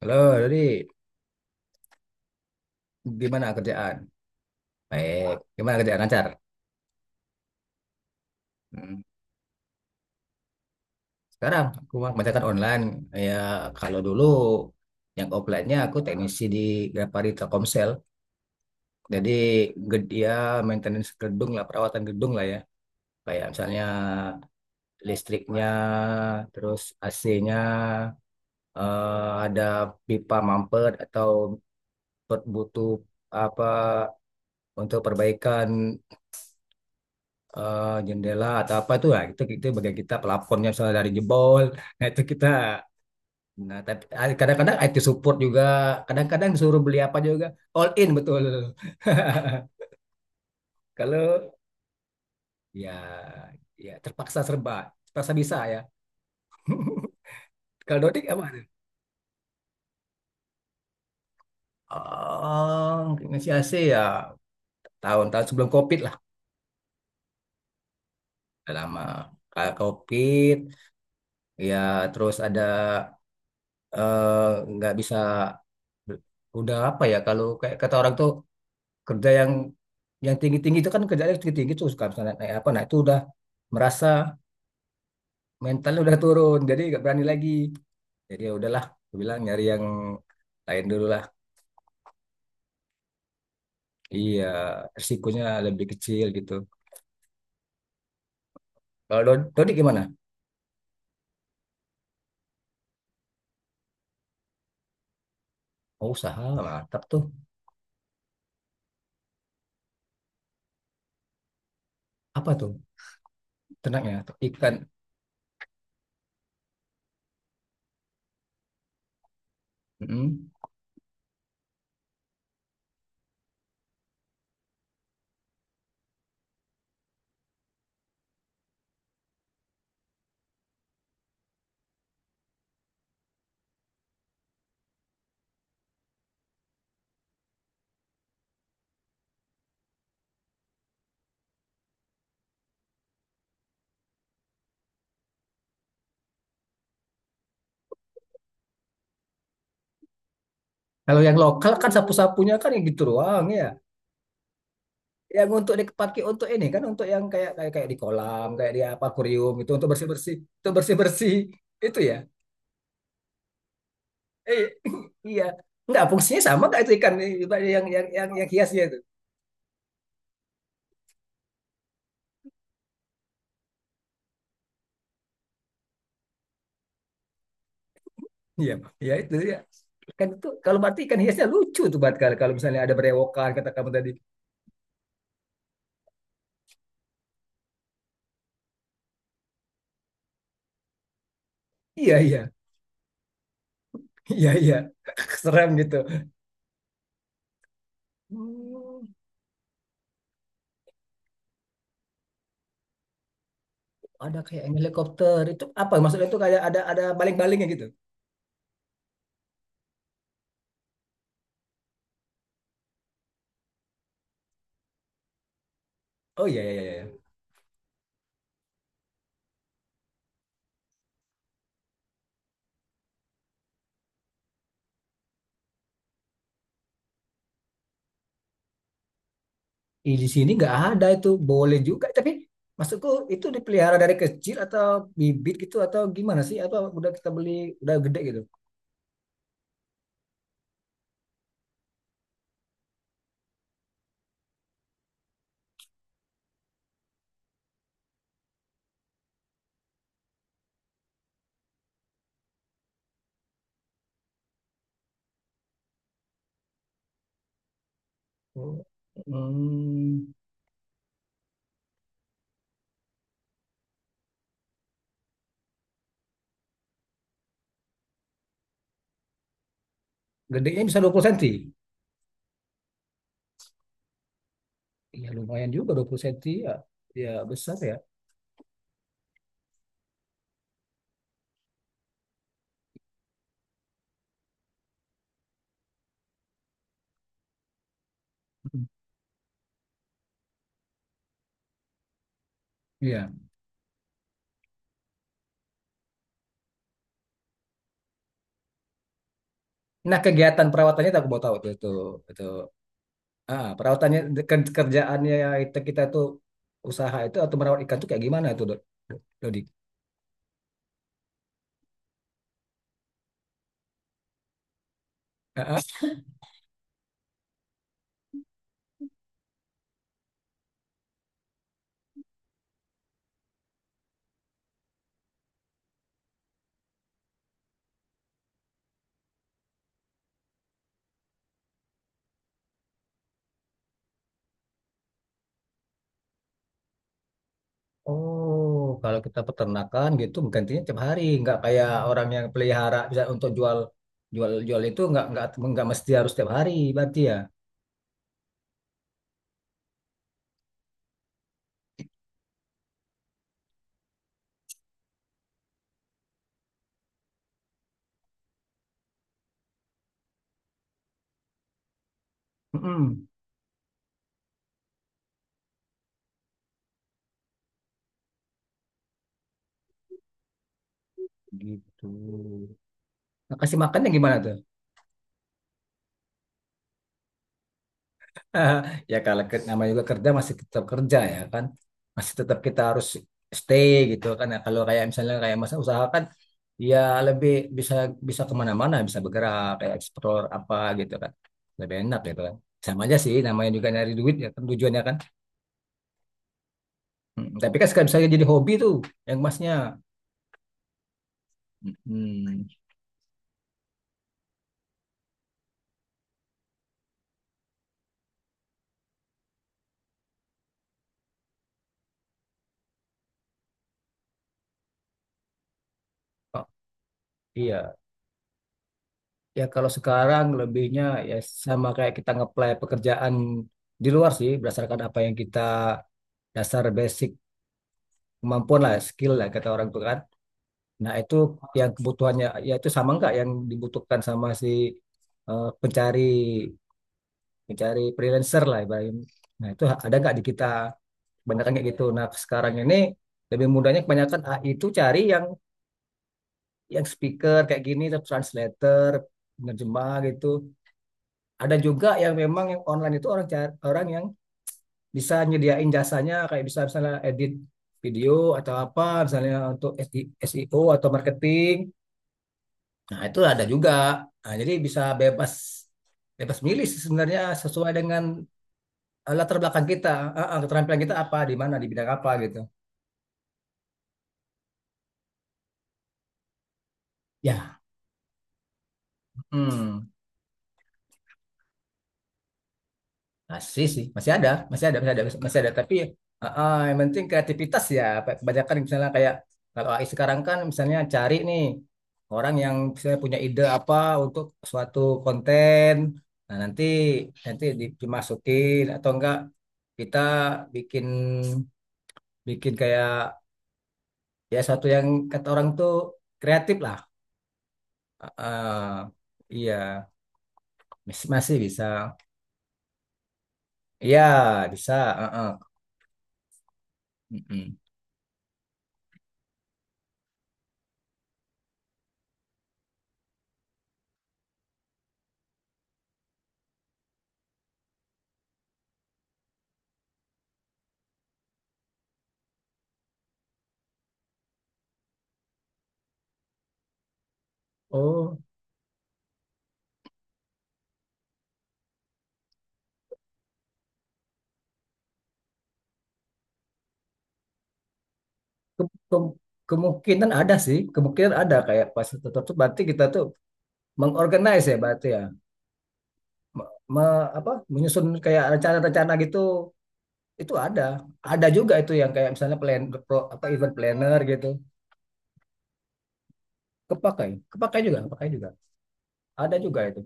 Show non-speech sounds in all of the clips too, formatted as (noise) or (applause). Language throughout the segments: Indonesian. Halo, jadi gimana kerjaan? Baik, gimana kerjaan lancar? Hmm. Sekarang aku kerjakan online. Ya, kalau dulu yang offline-nya aku teknisi di Grapari Telkomsel. Jadi ya maintenance gedung lah, perawatan gedung lah ya. Kayak misalnya listriknya, terus AC-nya, ada pipa mampet atau butuh apa untuk perbaikan jendela atau apa itu lah itu bagian kita plafonnya misalnya dari jebol nah itu kita nah tapi kadang-kadang IT support juga, kadang-kadang disuruh beli apa juga. All in betul. (laughs) Kalau ya ya terpaksa serba terpaksa bisa ya. (laughs) Kalau Dodik apa. Oh, inisiasi ya tahun-tahun sebelum COVID lah, udah lama. Kayak COVID, ya terus ada eh, nggak bisa udah apa ya kalau kayak kata orang tuh kerja yang tinggi-tinggi itu kan, kerjanya tinggi-tinggi tuh suka misalnya naik apa, nah itu udah merasa mentalnya udah turun jadi nggak berani lagi. Jadi ya udahlah, gue bilang nyari yang lain dulu lah. Iya, risikonya lebih kecil gitu. Kalau Dodi gimana. Oh, usaha, mantap tuh. Apa tuh ternaknya tuh ikan. Mm-mm. Kalau yang lokal kan sapu-sapunya kan yang gitu doang ya, yang untuk dipakai untuk ini kan, untuk yang kayak kayak kayak di kolam, kayak di apa, akuarium itu untuk bersih-bersih, itu bersih-bersih itu ya. eh, (clears throat) (laughs) iya, nggak fungsinya sama nggak itu ikan yang yang hiasnya itu. Iya, ya itu ya, ikan itu kalau berarti ikan hiasnya lucu tuh buat, kalau kalau misalnya ada berewokan kata kamu tadi. Iya, iya, iya. Iya, (laughs) serem gitu. Hmm, ada kayak yang helikopter itu apa, maksudnya itu kayak ada baling-balingnya gitu. Oh, iya, iya, iya. Ih, di sini nggak ada itu, boleh juga tapi, maksudku itu dipelihara dari kecil atau bibit gitu, atau gimana sih, atau udah kita beli udah gede gitu. Oh. Hmm. Gedenya bisa 20 senti. Ya lumayan juga 20 senti ya. Ya besar ya. Iya. Nah, kegiatan perawatannya tak mau tahu tuh itu. Ah, perawatannya kerjaannya itu, kita tuh usaha itu atau merawat ikan tuh kayak gimana itu, Dok? Dodi? Ah, ah. Oh, kalau kita peternakan gitu gantinya tiap hari, nggak kayak orang yang pelihara bisa untuk jual jual jual itu nggak, nggak mesti harus tiap hari berarti ya. Mm-mm. Gitu. Nah, kasih makannya gimana tuh? (laughs) Ya kalau namanya juga kerja, masih tetap kerja ya kan. Masih tetap kita harus stay gitu kan. Nah, kalau kayak misalnya kayak masa usaha kan, ya lebih bisa bisa kemana-mana, bisa bergerak kayak eksplor apa gitu kan. Lebih enak gitu kan. Sama aja sih, namanya juga nyari duit ya kan, tujuannya kan. Tapi kan sekarang misalnya jadi hobi tuh yang emasnya. Mm, oh, iya. Ya kalau sekarang lebihnya ya sama kayak kita ngeplay pekerjaan di luar sih, berdasarkan apa yang kita, dasar basic kemampuan lah, skill lah kata orang tua kan, nah itu yang kebutuhannya ya itu sama nggak yang dibutuhkan sama si pencari pencari freelancer lah ibaratnya, nah itu ada nggak di kita kebanyakan kayak gitu. Nah sekarang ini lebih mudahnya, kebanyakan AI itu cari yang speaker kayak gini, terus translator, penerjemah gitu. Ada juga yang memang yang online itu orang cari, orang yang bisa nyediain jasanya kayak bisa misalnya edit video, atau apa misalnya untuk SI SEO atau marketing. Nah, itu ada juga. Nah, jadi bisa bebas bebas milih sih sebenarnya, sesuai dengan latar belakang kita. Keterampilan kita apa, di mana, di bidang apa gitu. Ya, hmm, masih sih, masih ada, masih ada, masih ada, masih ada. Tapi yang penting kreativitas ya. Kebanyakan misalnya kayak kalau AI sekarang kan, misalnya cari nih orang yang misalnya punya ide apa untuk suatu konten. Nah, nanti nanti dimasukin atau enggak, kita bikin bikin kayak ya suatu yang kata orang tuh kreatif lah. Heeh. Iya masih masih bisa, iya bisa. Heeh. Mm-mm. Oh, ke- ke- kemungkinan ada sih, kemungkinan ada, kayak pas tutup tuh berarti kita tuh mengorganize ya berarti ya. Apa menyusun kayak rencana-rencana gitu, itu ada. Ada juga itu yang kayak misalnya apa event planner gitu. Kepakai, kepakai juga, kepakai juga, ada juga itu.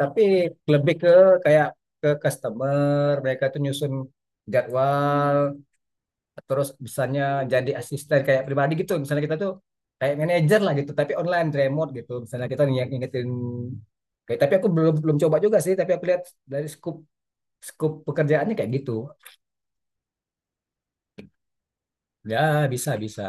Tapi lebih ke kayak ke customer, mereka tuh nyusun jadwal, terus misalnya jadi asisten kayak pribadi gitu, misalnya kita tuh kayak manajer lah gitu tapi online remote gitu, misalnya kita yang ngingetin, kayak. Tapi aku belum belum coba juga sih, tapi aku lihat dari scoop scoop pekerjaannya kayak gitu. Ya bisa, bisa.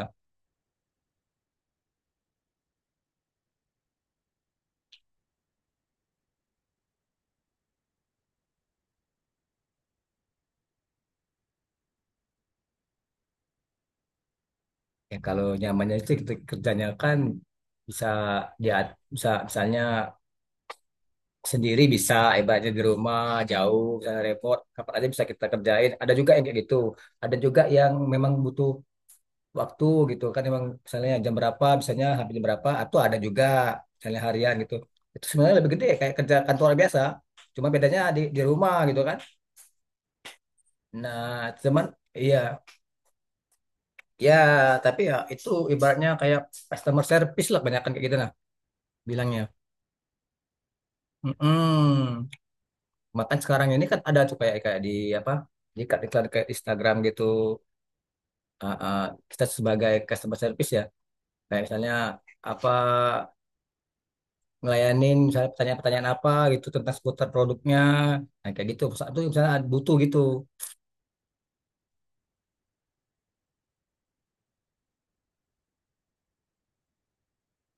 Ya kalau nyamannya sih, kita kerjanya kan bisa, dia bisa misalnya sendiri, bisa ibaratnya di rumah jauh misalnya, repot kapan aja bisa kita kerjain, ada juga yang kayak gitu. Ada juga yang memang butuh waktu gitu kan, memang misalnya jam berapa, misalnya habis jam berapa, atau ada juga misalnya harian gitu, itu sebenarnya lebih gede kayak kerja kantor biasa, cuma bedanya di rumah gitu kan. Nah cuman, iya ya, tapi ya itu ibaratnya kayak customer service lah, banyak kan kayak gitu nah bilangnya. Mm-mm. Makan sekarang ini kan ada tuh kayak kayak di apa, di iklan iklan kayak Instagram gitu. Ah, ah, kita sebagai customer service ya, kayak misalnya apa, ngelayanin misalnya pertanyaan-pertanyaan apa gitu tentang seputar produknya, nah kayak gitu saat itu misalnya butuh gitu.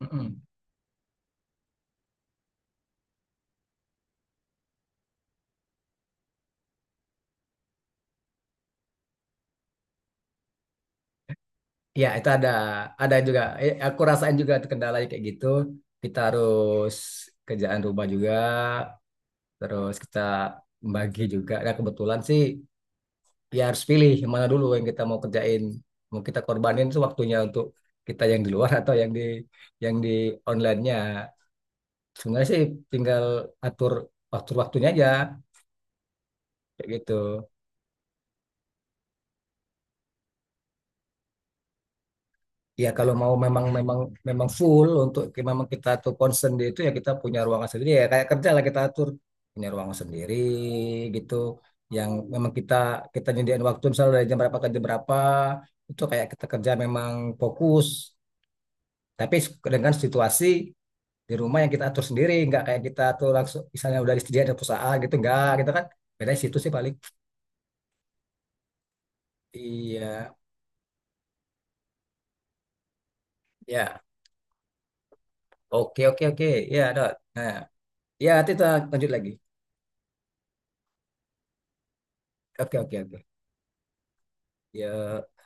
Mm-mm. Ya itu ada juga. Aku rasain juga tuh kendalanya kayak gitu, kita harus kerjaan rumah juga, terus kita membagi juga, nah kebetulan sih ya harus pilih yang mana dulu yang kita mau kerjain, mau kita korbanin itu waktunya untuk kita yang di luar (laughs) atau yang di, yang di onlinenya. Sebenarnya sih tinggal atur waktunya aja kayak gitu. Ya kalau mau memang, memang memang full, untuk memang kita tuh concern di itu ya, kita punya ruangan sendiri ya kayak kerja lah kita atur, punya ruangan sendiri gitu, yang memang kita kita nyediain waktu misalnya dari jam berapa ke jam berapa, itu kayak kita kerja memang fokus, tapi dengan situasi di rumah yang kita atur sendiri, nggak kayak kita tuh langsung misalnya udah disediain ada perusahaan gitu, nggak gitu kan, beda situ sih paling. Iya ya, oke, oke, oke. Ya dot nah, ya nanti kita lanjut lagi. Oke, oke, oke. Ya.